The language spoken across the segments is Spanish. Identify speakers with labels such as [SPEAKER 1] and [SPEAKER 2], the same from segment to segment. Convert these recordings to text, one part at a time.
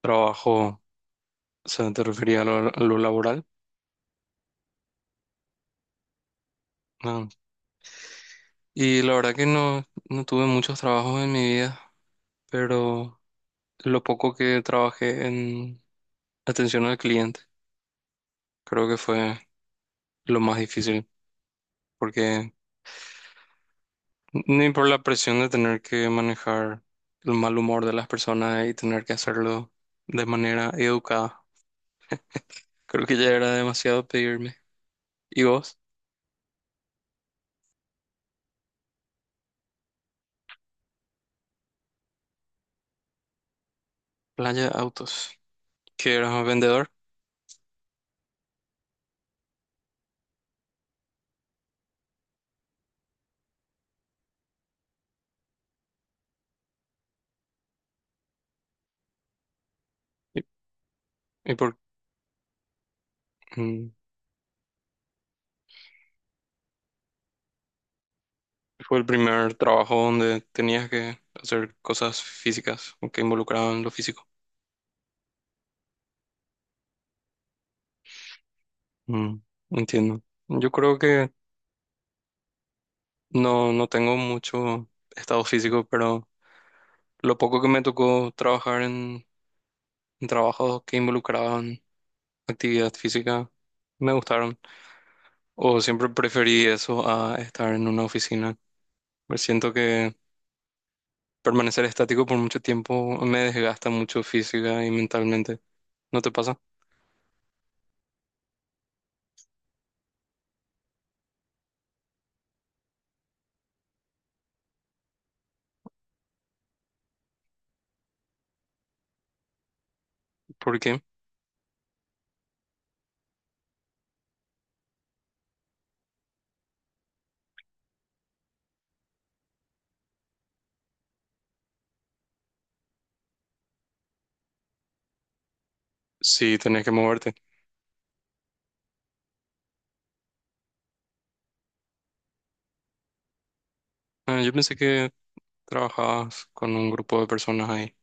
[SPEAKER 1] Trabajo, o sea, te refería a lo laboral. Ah, y la verdad que no tuve muchos trabajos en mi vida, pero lo poco que trabajé en atención al cliente, creo que fue lo más difícil, porque ni por la presión de tener que manejar el mal humor de las personas y tener que hacerlo de manera educada, creo que ya era demasiado pedirme. ¿Y vos? Playa Autos, que eras un vendedor. ¿Y, y por, mm, fue el primer trabajo donde tenías que hacer cosas físicas o que involucraban lo físico. Mm, entiendo. Yo creo que no tengo mucho estado físico, pero lo poco que me tocó trabajar en trabajos que involucraban actividad física me gustaron. O siempre preferí eso a estar en una oficina. Me siento que permanecer estático por mucho tiempo me desgasta mucho física y mentalmente. ¿No te pasa? ¿Por qué? Sí, tenés que moverte. Ah, yo pensé que trabajabas con un grupo de personas ahí.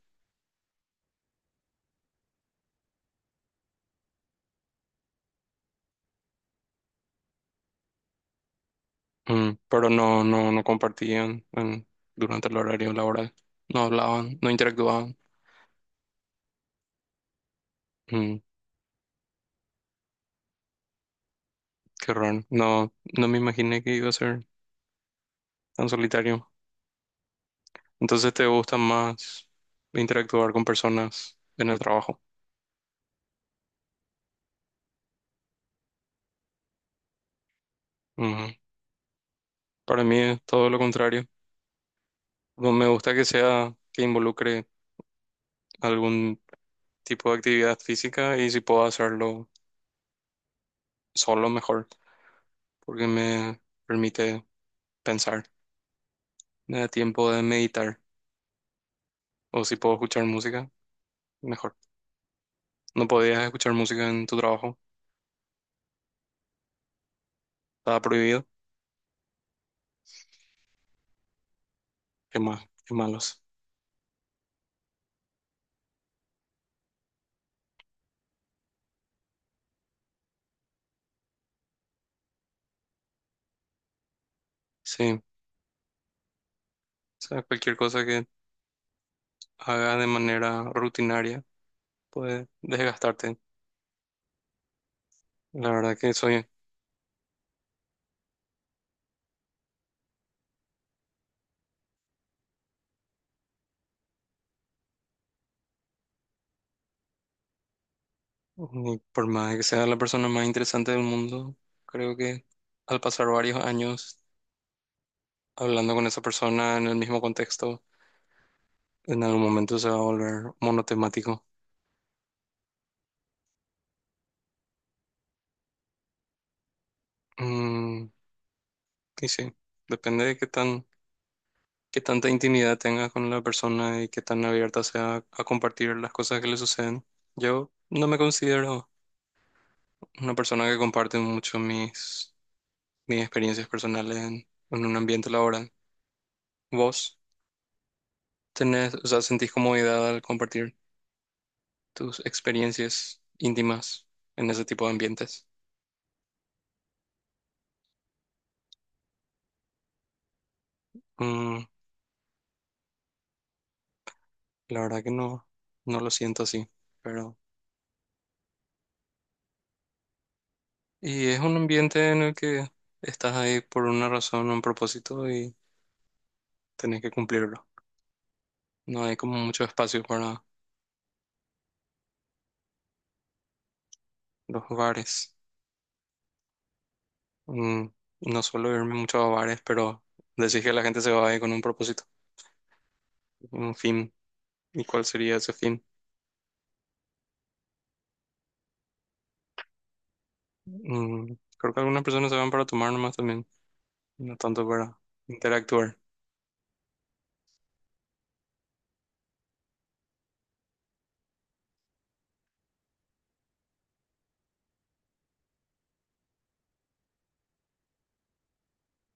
[SPEAKER 1] Mm, pero no compartían en- durante el horario laboral. No hablaban, no interactuaban. Mm, qué raro. No, no me imaginé que iba a ser tan solitario. Entonces te gusta más interactuar con personas en el trabajo. Ujú. Para mí es todo lo contrario. No me gusta que sea que involucre algún tipo de actividad física y si puedo hacerlo solo mejor, porque me permite pensar. Me da tiempo de meditar. O si puedo escuchar música, mejor. ¿No podías escuchar música en tu trabajo, estaba prohibido? Qué más, qué malos. Sí, o sea, cualquier cosa que haga de manera rutinaria puede desgastarte. La verdad que soy, y por más que sea la persona más interesante del mundo, creo que al pasar varios años hablando con esa persona en el mismo contexto, en algún momento se va a volver monotemático. Mm, y sí, depende de qué tan qué tanta intimidad tenga con la persona y qué tan abierta sea a compartir las cosas que le suceden. Yo no me considero una persona que comparte mucho mis, mis experiencias personales en un ambiente laboral. ¿Vos tenés, o sea, sentís comodidad al compartir tus experiencias íntimas en ese tipo de ambientes? Mm, la verdad que no, no lo siento así, pero... Y es un ambiente en el que estás ahí por una razón, un propósito y tenés que cumplirlo. No hay como mucho espacio para los bares. Mm, no suelo irme mucho a bares, pero decís que la gente se va ahí con un propósito, un fin. ¿Y cuál sería ese fin? Mm, creo que algunas personas se van para tomar nomás también, no tanto para interactuar.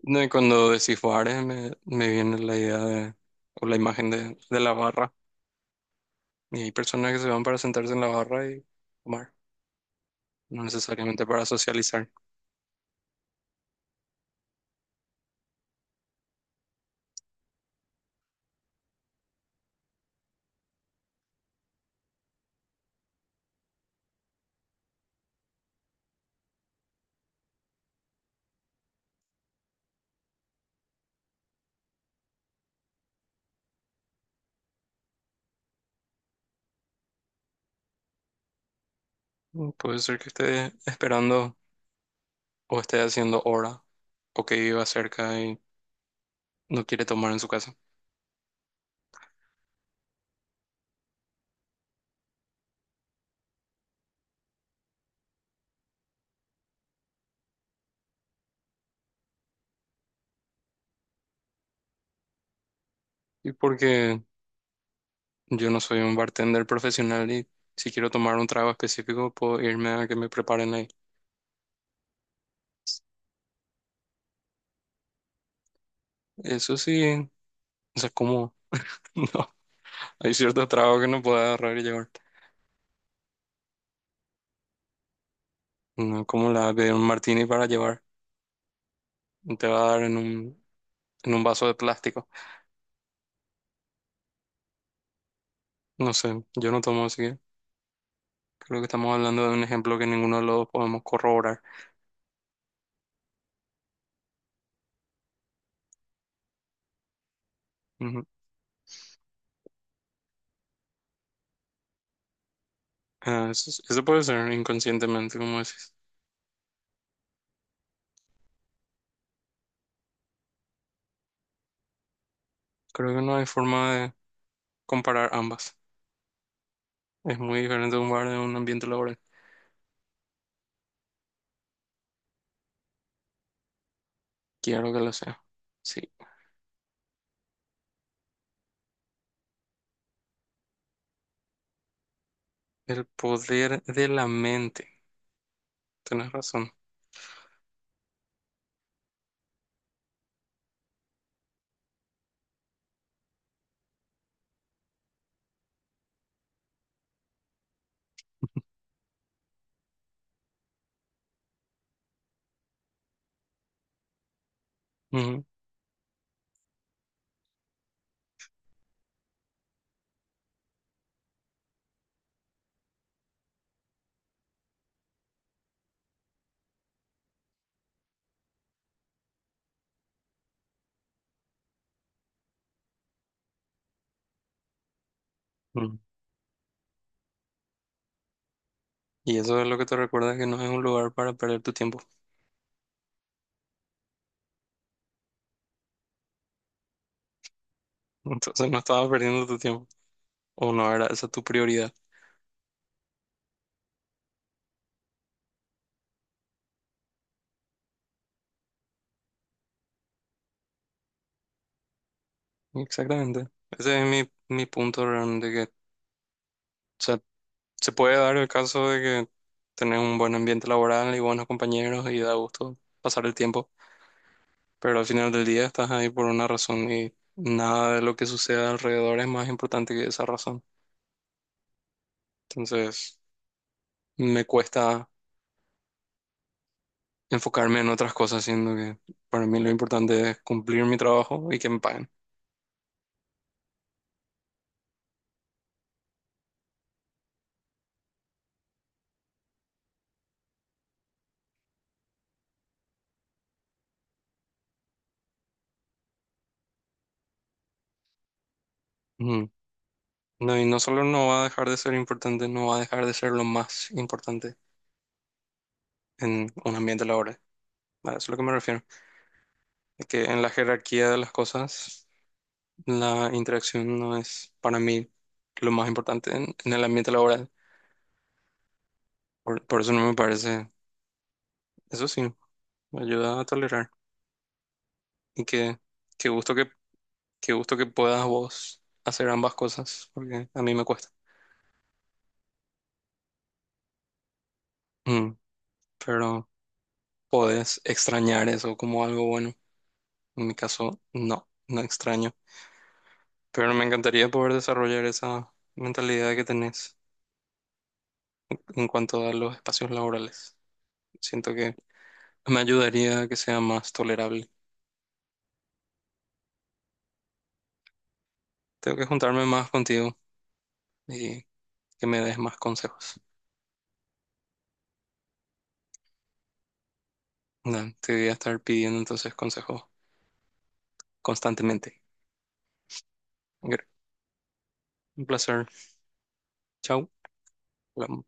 [SPEAKER 1] No, y cuando decís bares me, me viene la idea de, o la imagen de la barra. Y hay personas que se van para sentarse en la barra y tomar, no necesariamente para socializar. Mm, puede ser que esté esperando o esté haciendo hora o que iba cerca y no quiere tomar en su casa. Y porque yo no soy un bartender profesional y si quiero tomar un trago específico, puedo irme a que me preparen ahí. Eso sí, o sea, como no, hay ciertos tragos que no puedes agarrar y llevar. No como la de un martini para llevar, te va a dar en un vaso de plástico. No sé, yo no tomo así que creo que estamos hablando de un ejemplo que ninguno de los dos podemos corroborar. Ujú. Ah, eso puede ser inconscientemente, como decís. Creo que no hay forma de comparar ambas. Es muy diferente un bar de un ambiente laboral. Quiero que lo sea. Sí. El poder de la mente. Tienes razón. Ujú, ujú. Y eso es lo que te recuerda que no es un lugar para perder tu tiempo. Entonces no estabas perdiendo tu tiempo. O no era esa tu prioridad. Exactamente. Ese es mi, mi punto realmente que, o sea, se puede dar el caso de que tenés un buen ambiente laboral y buenos compañeros y da gusto pasar el tiempo. Pero al final del día estás ahí por una razón y nada de lo que suceda alrededor es más importante que esa razón. Entonces, me cuesta enfocarme en otras cosas, siendo que para mí lo importante es cumplir mi trabajo y que me paguen. Ujú. No, y no solo no va a dejar de ser importante, no va a dejar de ser lo más importante en un ambiente laboral. A eso es lo que me refiero. Es que en la jerarquía de las cosas, la interacción no es para mí lo más importante en el ambiente laboral. Por eso no me parece, eso sí, me ayuda a tolerar. Y que, qué gusto que, qué gusto que puedas vos hacer ambas cosas, porque a mí me cuesta. Mm, pero podés extrañar eso como algo bueno. En mi caso, no, no extraño. Pero me encantaría poder desarrollar esa mentalidad que tenés en cuanto a los espacios laborales. Siento que me ayudaría a que sea más tolerable. Tengo que juntarme más contigo y que me des más consejos. Nada, te voy a estar pidiendo entonces consejos constantemente. Un placer. Chao. Hola.